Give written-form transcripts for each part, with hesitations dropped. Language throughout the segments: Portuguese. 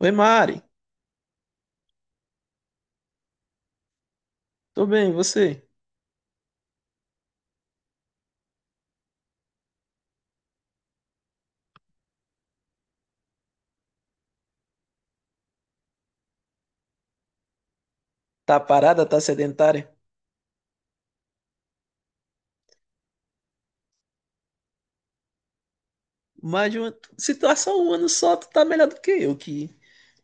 Oi, Mari. Tô bem, e você? Tá parada, tá sedentária? Mais de uma situação, um ano só, tu tá melhor do que eu, que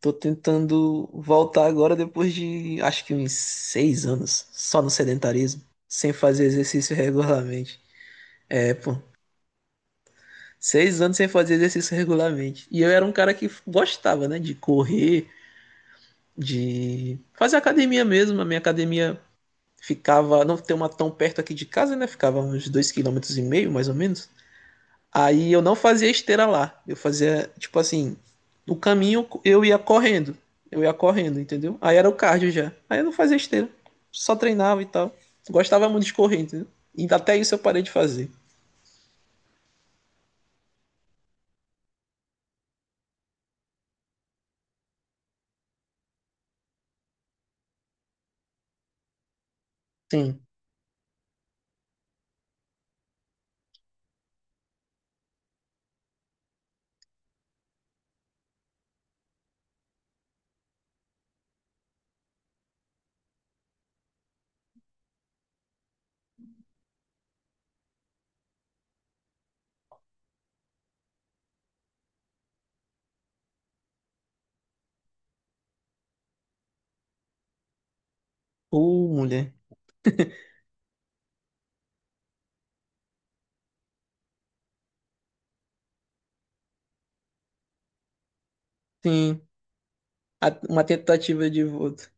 tô tentando voltar agora depois de acho que uns seis anos só no sedentarismo, sem fazer exercício regularmente. É, pô, seis anos sem fazer exercício regularmente. E eu era um cara que gostava, né, de correr, de fazer academia mesmo. A minha academia ficava, não tem uma tão perto aqui de casa, né? Ficava uns dois quilômetros e meio, mais ou menos. Aí eu não fazia esteira lá. Eu fazia, tipo assim, no caminho eu ia correndo. Eu ia correndo, entendeu? Aí era o cardio já. Aí eu não fazia esteira. Só treinava e tal. Gostava muito de correr, entendeu? E até isso eu parei de fazer. Sim. Ô, mulher. Sim. A- Uma tentativa de volta.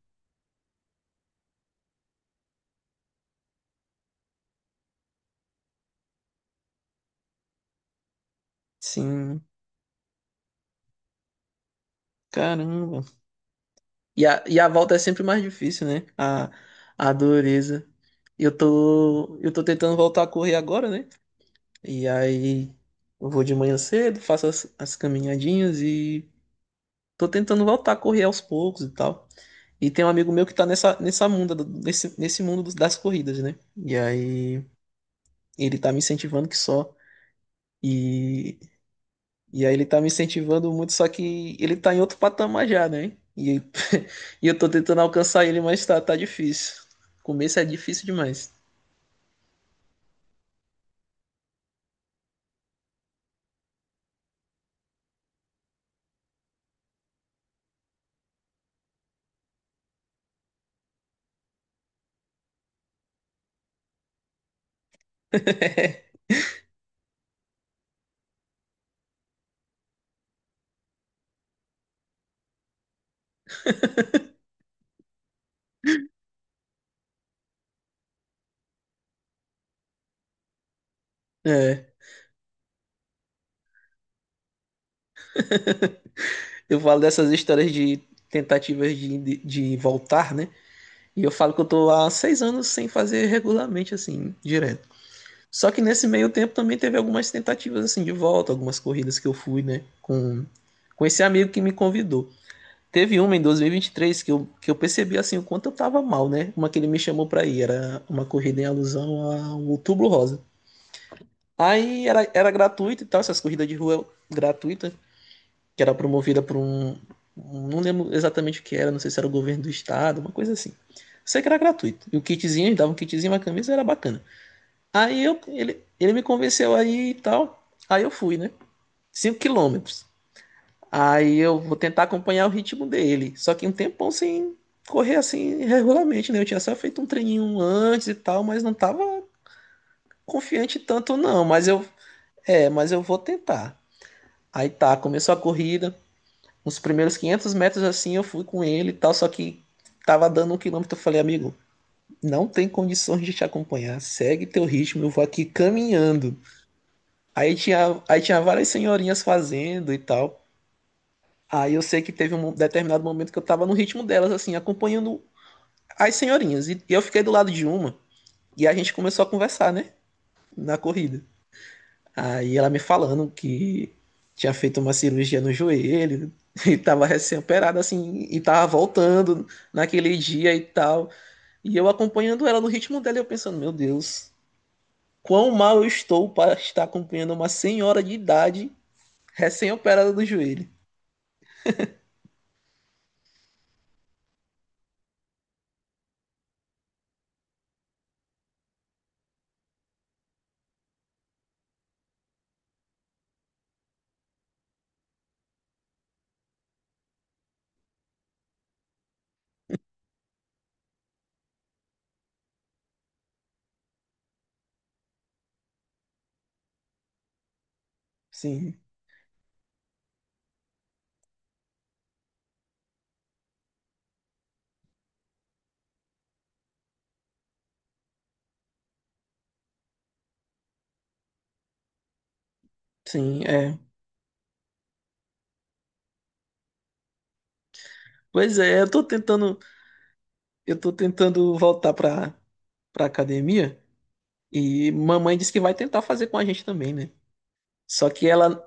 Sim. Caramba. E a volta é sempre mais difícil, né? A dureza. Eu tô tentando voltar a correr agora, né? E aí eu vou de manhã cedo, faço as caminhadinhas e tô tentando voltar a correr aos poucos e tal. E tem um amigo meu que tá nessa munda, nesse mundo das corridas, né? E aí ele tá me incentivando que só. E, e aí ele tá me incentivando muito, só que ele tá em outro patamar já, né? E, e eu tô tentando alcançar ele, mas tá, tá difícil. Começo é difícil demais. É. Eu falo dessas histórias de tentativas de voltar, né? E eu falo que eu tô há seis anos sem fazer regularmente, assim, direto. Só que nesse meio tempo também teve algumas tentativas, assim, de volta, algumas corridas que eu fui, né, com esse amigo que me convidou. Teve uma em 2023 que eu percebi, assim, o quanto eu tava mal, né? Uma que ele me chamou pra ir, era uma corrida em alusão ao Outubro Rosa. Aí era gratuito e tal, essas corridas de rua gratuita que era promovida por um, não lembro exatamente o que era, não sei se era o governo do estado, uma coisa assim. Sei que era gratuito. E o kitzinho, eles davam um kitzinho, uma camisa, era bacana. Aí ele me convenceu aí e tal. Aí eu fui, né? Cinco quilômetros. Aí eu vou tentar acompanhar o ritmo dele. Só que um tempão sem correr assim regularmente, né? Eu tinha só feito um treininho antes e tal, mas não tava confiante tanto não. Mas eu, é, mas eu vou tentar. Aí tá, começou a corrida. Os primeiros 500 metros assim eu fui com ele e tal, só que tava dando um quilômetro. Eu falei, amigo, não tem condições de te acompanhar, segue teu ritmo, eu vou aqui caminhando. Aí tinha várias senhorinhas fazendo e tal. Aí eu sei que teve um determinado momento que eu tava no ritmo delas, assim, acompanhando as senhorinhas. E eu fiquei do lado de uma e a gente começou a conversar, né? Na corrida. Aí ela me falando que tinha feito uma cirurgia no joelho e tava recém-operada assim e tava voltando naquele dia e tal. E eu acompanhando ela no ritmo dela, e eu pensando, meu Deus, quão mal eu estou para estar acompanhando uma senhora de idade recém-operada do joelho. Sim, sim, é. Pois é, eu tô tentando voltar pra academia e mamãe disse que vai tentar fazer com a gente também, né? Só que ela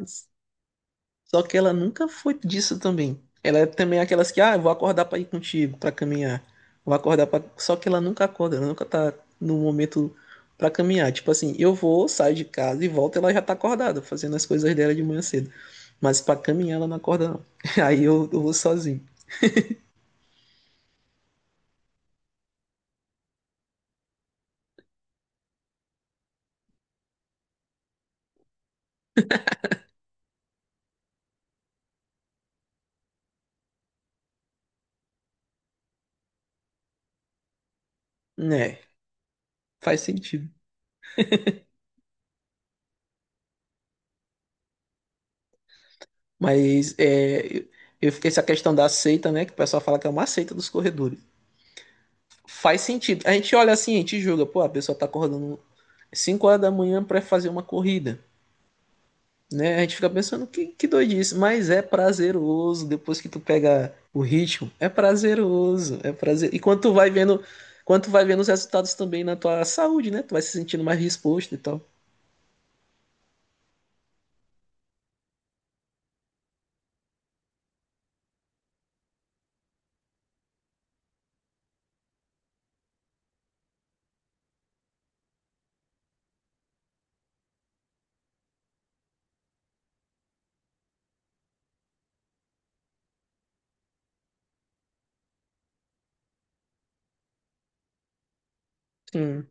Só que ela nunca foi disso também. Ela é também aquelas que, ah, eu vou acordar pra ir contigo, pra caminhar. Vou acordar pra... Só que ela nunca acorda, ela nunca tá no momento pra caminhar. Tipo assim, eu vou, saio de casa e volto, ela já tá acordada, fazendo as coisas dela de manhã cedo. Mas pra caminhar ela não acorda, não. Aí eu vou sozinho. Né, faz sentido. Mas é, fiquei essa questão da seita, né, que o pessoal fala que é uma seita dos corredores. Faz sentido. A gente olha assim, a gente julga, pô, a pessoa tá acordando 5 horas da manhã para fazer uma corrida. Né? A gente fica pensando que doidice, mas é prazeroso depois que tu pega o ritmo. É prazeroso, é prazer. E quando tu vai vendo os resultados também na tua saúde, né? Tu vai se sentindo mais disposto e tal. Sim.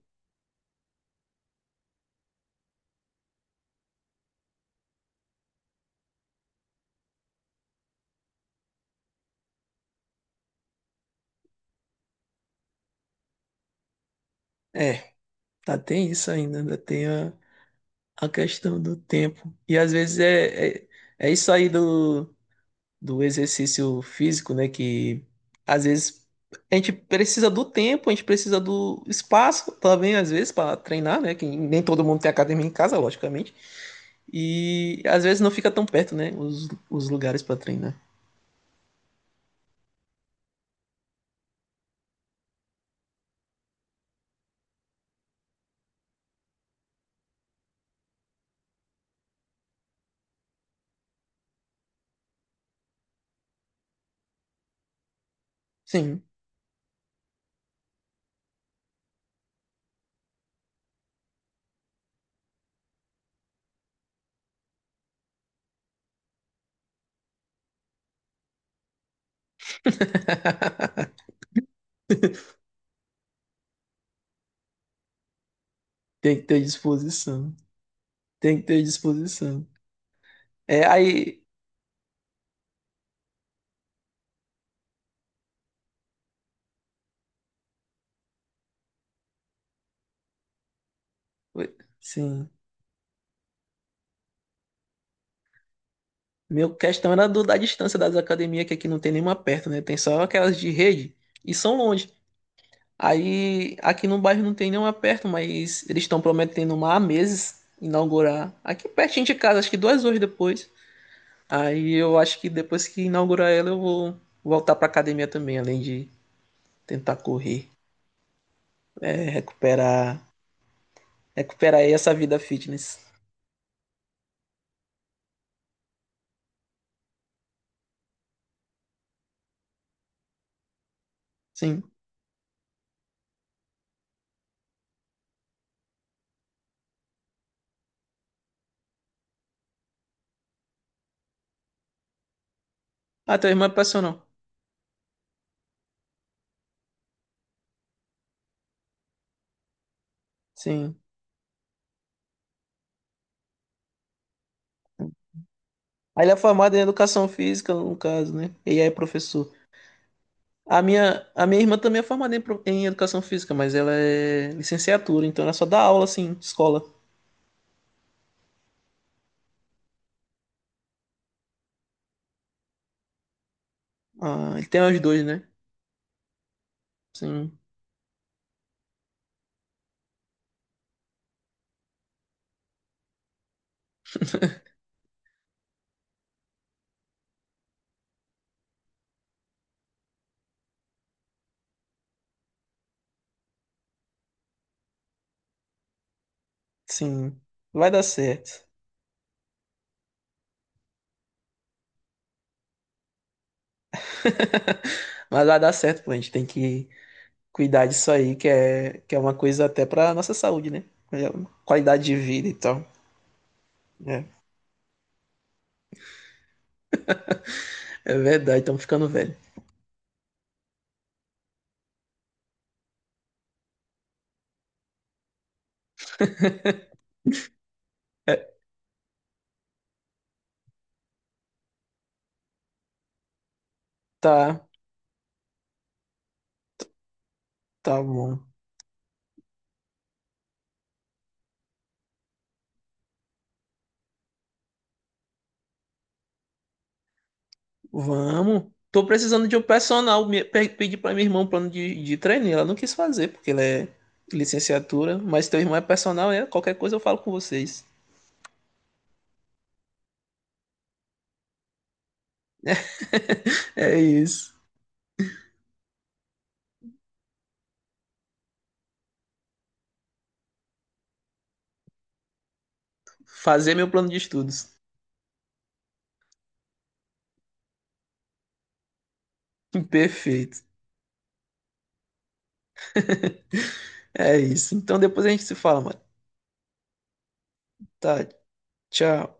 É, tá, tem isso ainda, ainda tem a questão do tempo. E às vezes é isso aí do exercício físico, né? Que às vezes a gente precisa do tempo, a gente precisa do espaço também, às vezes, para treinar, né? Que nem todo mundo tem academia em casa, logicamente. E às vezes não fica tão perto, né? Os lugares para treinar. Sim. Tem que ter disposição. Tem que ter disposição. É, aí. Oi, sim. Meu questão era da distância das academias, que aqui não tem nenhuma perto, né? Tem só aquelas de rede. E são longe. Aí aqui no bairro não tem nenhuma perto, mas eles estão prometendo uma há meses inaugurar. Aqui pertinho de casa, acho que duas horas depois. Aí eu acho que depois que inaugurar ela, eu vou voltar pra academia também, além de tentar correr, é, recuperar aí essa vida fitness. Sim. Ah, teu irmão é personal. Sim. Aí ele é formado em educação física, no caso, né? E aí é professor. A minha irmã também é formada em, em educação física, mas ela é licenciatura, então ela só dá aula assim, de escola. Ah, ele tem os dois, né? Sim, sim. Vai dar certo. Mas vai dar certo, pô. A gente tem que cuidar disso aí, que é uma coisa até pra nossa saúde, né? É uma qualidade de vida e tal. É, é verdade, estamos ficando velho. É, tá, tá bom. Vamos. Tô precisando de um personal. Pedi pra minha irmã um plano de treino. E Ela não quis fazer, porque ela é licenciatura. Mas teu irmão é personal, é? Qualquer coisa eu falo com vocês. É isso. Fazer meu plano de estudos. Perfeito. É isso. Então depois a gente se fala, mano. Tá, tchau.